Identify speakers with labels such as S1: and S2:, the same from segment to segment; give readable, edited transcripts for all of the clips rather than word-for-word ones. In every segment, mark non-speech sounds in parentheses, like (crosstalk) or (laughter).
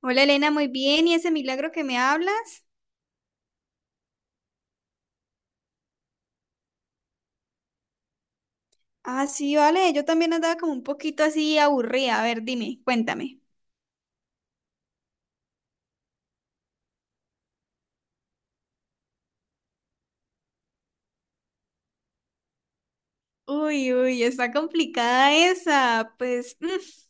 S1: Hola Elena, muy bien. ¿Y ese milagro que me hablas? Ah, sí, vale. Yo también andaba como un poquito así aburrida. A ver, dime, cuéntame. Uy, uy, está complicada esa. Pues,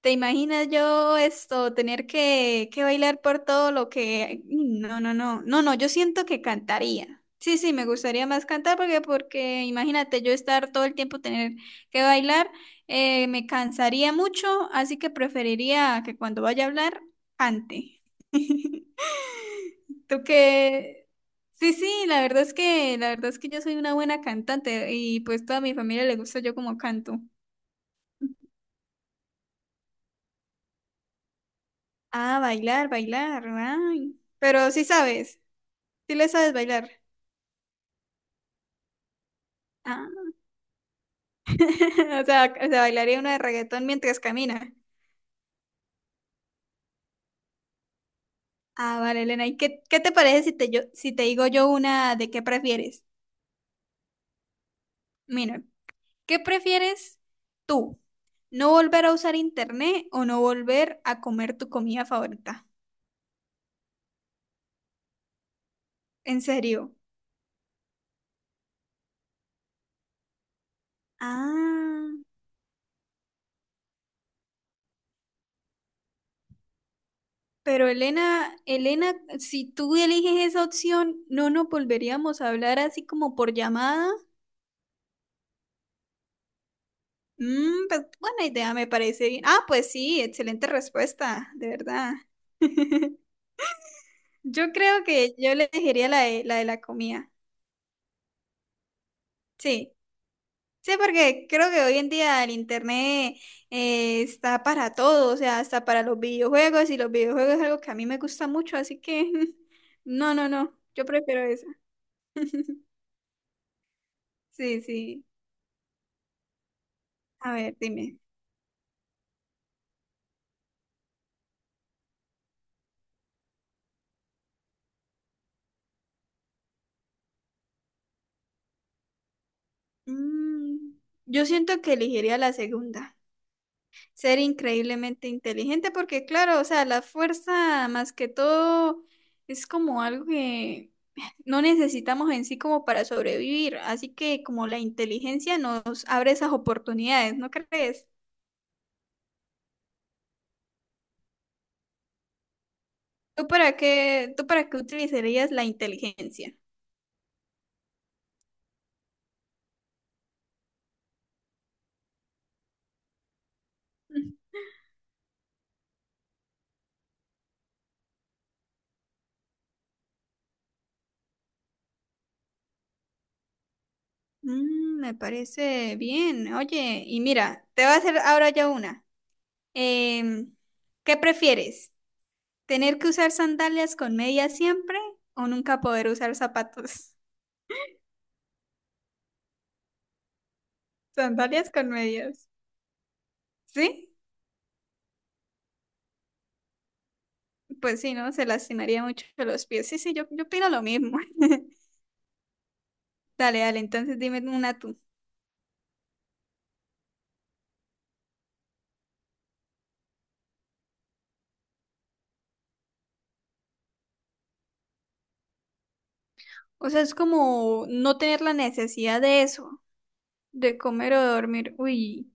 S1: ¿te imaginas yo esto, tener que bailar por todo lo que... No, no, no. No, no, yo siento que cantaría. Sí, sí, me gustaría más cantar porque imagínate yo estar todo el tiempo tener que bailar, me cansaría mucho, así que preferiría que cuando vaya a hablar, cante. (laughs) Tú que sí, sí, la verdad es que yo soy una buena cantante y pues toda mi familia le gusta yo como canto. Ah, bailar, bailar. Ay. Pero sí sabes, sí le sabes bailar. Ah. (laughs) O sea, bailaría una de reggaetón mientras camina. Ah, vale, Elena. ¿Y qué te parece si te, yo, si te digo yo una de qué prefieres? Mira, ¿qué prefieres tú? ¿No volver a usar internet o no volver a comer tu comida favorita? ¿En serio? Ah. Pero Elena, Elena, si tú eliges esa opción, ¿no nos volveríamos a hablar así como por llamada? Mm, pues buena idea, me parece bien. Ah, pues sí, excelente respuesta, de verdad. Yo creo que yo le elegiría la de la comida. Sí, sí, porque creo que hoy en día el internet está para todo, o sea, hasta para los videojuegos y los videojuegos es algo que a mí me gusta mucho, así que (laughs) no, no, no, yo prefiero esa. (laughs) Sí, sí. A ver, dime. Mm, yo siento que elegiría la segunda, ser increíblemente inteligente, porque claro, o sea, la fuerza más que todo es como algo que no necesitamos en sí como para sobrevivir, así que como la inteligencia nos abre esas oportunidades, ¿no crees? ¿Tú para qué utilizarías la inteligencia? (laughs) Mm, me parece bien. Oye, y mira, te voy a hacer ahora ya una. Em, ¿Qué prefieres? ¿Tener que usar sandalias con medias siempre o nunca poder usar zapatos? (laughs) Sandalias con medias. ¿Sí? Pues sí, ¿no? Se lastimaría mucho los pies. Sí, sí, yo opino lo mismo. (laughs) Dale, dale, entonces dime una tú. O sea, es como no tener la necesidad de eso, de comer o de dormir. Uy,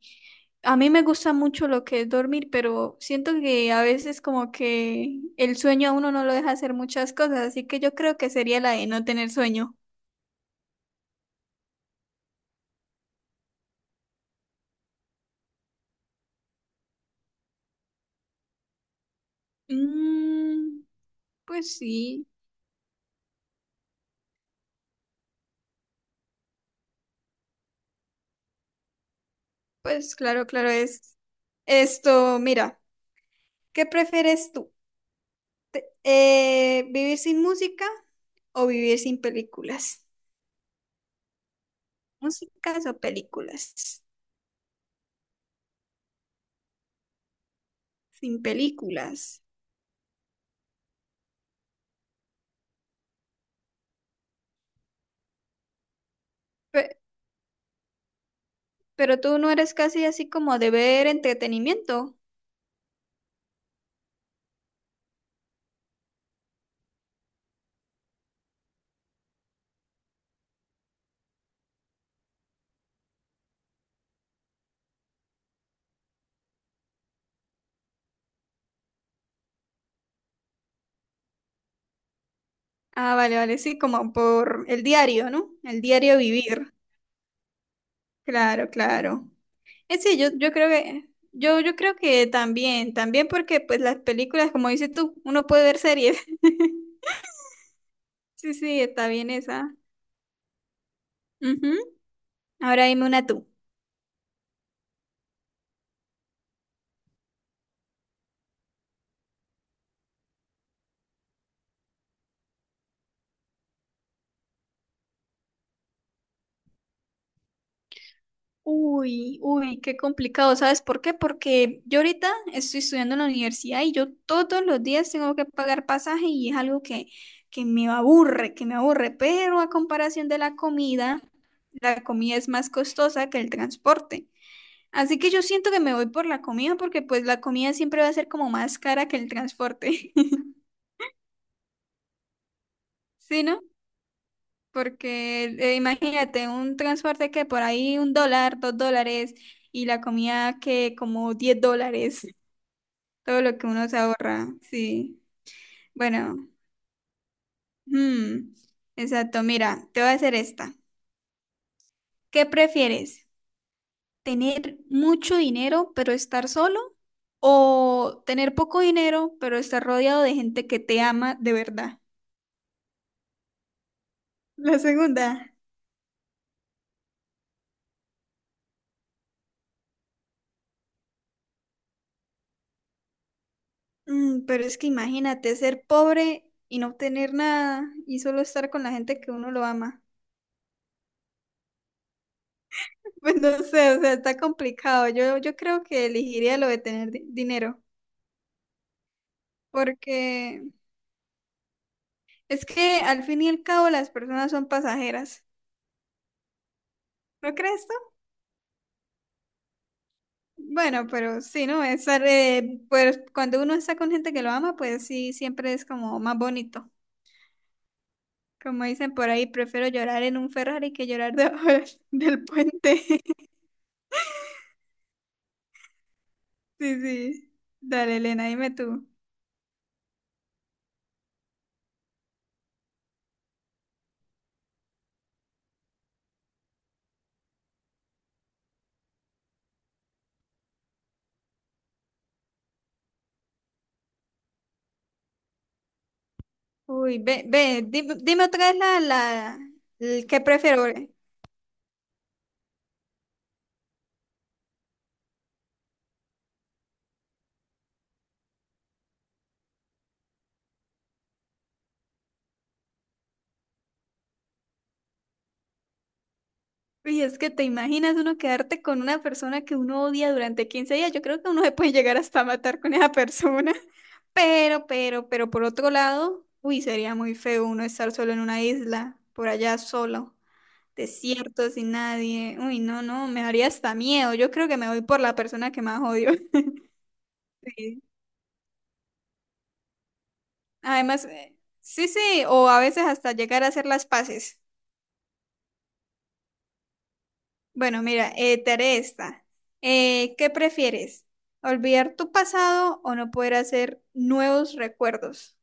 S1: a mí me gusta mucho lo que es dormir, pero siento que a veces como que el sueño a uno no lo deja hacer muchas cosas, así que yo creo que sería la de no tener sueño. Mm. Pues sí, pues claro, claro es. Esto, mira, ¿qué prefieres tú? ¿Vivir sin música o vivir sin películas? ¿Músicas o películas? Sin películas. Pe- pero tú no eres casi así como de ver entretenimiento. Ah, vale, vale, sí, como por el diario, ¿no? El diario vivir. Claro, claro. Es sí, yo creo que también, también porque pues las películas, como dices tú, uno puede ver series. (laughs) Sí, sí, está bien esa. Ujú. Ahora dime una tú. Uy, uy, qué complicado. ¿Sabes por qué? Porque yo ahorita estoy estudiando en la universidad y yo todos los días tengo que pagar pasaje y es algo que me aburre, que me aburre. Pero a comparación de la comida es más costosa que el transporte. Así que yo siento que me voy por la comida porque pues la comida siempre va a ser como más cara que el transporte. (laughs) ¿Sí, no? Porque imagínate, un transporte que por ahí $1, $2, y la comida que como $10, todo lo que uno se ahorra, sí. Bueno, hmm, exacto, mira, te voy a hacer esta. ¿Qué prefieres? ¿Tener mucho dinero pero estar solo? ¿O tener poco dinero pero estar rodeado de gente que te ama de verdad? La segunda. Mm, pero es que imagínate ser pobre y no obtener nada y solo estar con la gente que uno lo ama. (laughs) Pues no sé, o sea, está complicado. Yo creo que elegiría lo de tener dinero, porque es que al fin y al cabo las personas son pasajeras. ¿No crees tú? Bueno, pero sí, ¿no? Estar, pues cuando uno está con gente que lo ama, pues sí, siempre es como más bonito. Como dicen por ahí, prefiero llorar en un Ferrari que llorar (laughs) debajo del del puente. Sí, sí. Dale, Elena, dime tú. Uy, ve, ve, di dime otra vez el que prefiero. Y es que te imaginas uno quedarte con una persona que uno odia durante 15 días. Yo creo que uno se puede llegar hasta matar con esa persona. (laughs) Pero por otro lado, uy, sería muy feo uno estar solo en una isla, por allá solo, desierto, sin nadie. Uy, no, no, me haría hasta miedo. Yo creo que me voy por la persona que más odio. (laughs) Sí. Además, sí, sí, o a veces hasta llegar a hacer las paces. Bueno, mira, te haré esta. ¿Qué prefieres? ¿Olvidar tu pasado o no poder hacer nuevos recuerdos?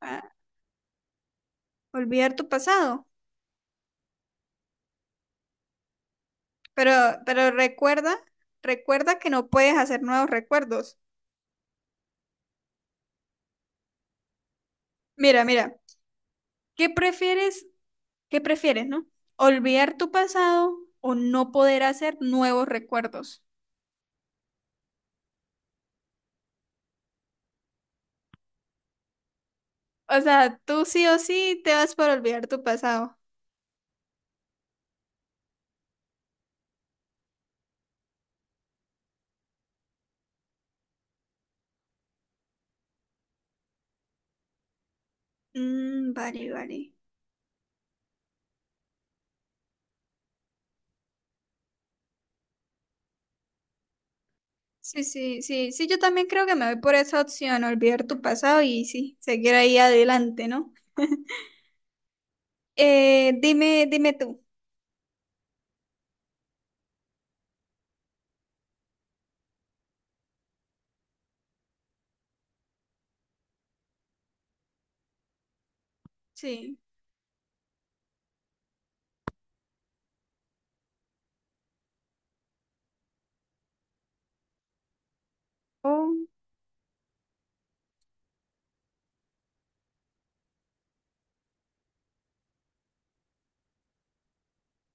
S1: Ah, olvidar tu pasado, pero, pero recuerda, recuerda que no puedes hacer nuevos recuerdos. Mira, mira, ¿qué prefieres? ¿Qué prefieres, no? ¿Olvidar tu pasado o no poder hacer nuevos recuerdos? O sea, tú sí o sí te vas por olvidar tu pasado. Mm, vale, vale. Sí, sí, sí, sí, yo también creo que me voy por esa opción, olvidar tu pasado y sí, seguir ahí adelante, ¿no? Dime, dime tú. Sí. Oh,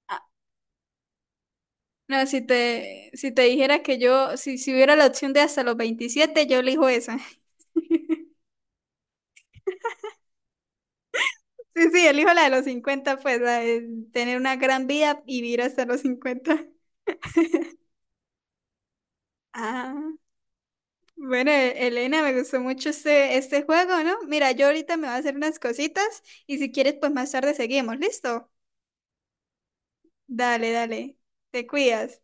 S1: ah, no, si te, si te dijera que yo, si, si hubiera la opción de hasta los 27 yo elijo esa. (laughs) Sí, sí, elijo la de los 50 pues, la de tener una gran vida y vivir hasta los 50. Ah. Bueno, Elena, me gustó mucho este juego, ¿no? Mira, yo ahorita me voy a hacer unas cositas y si quieres, pues más tarde seguimos, ¿listo? Dale, dale, te cuidas.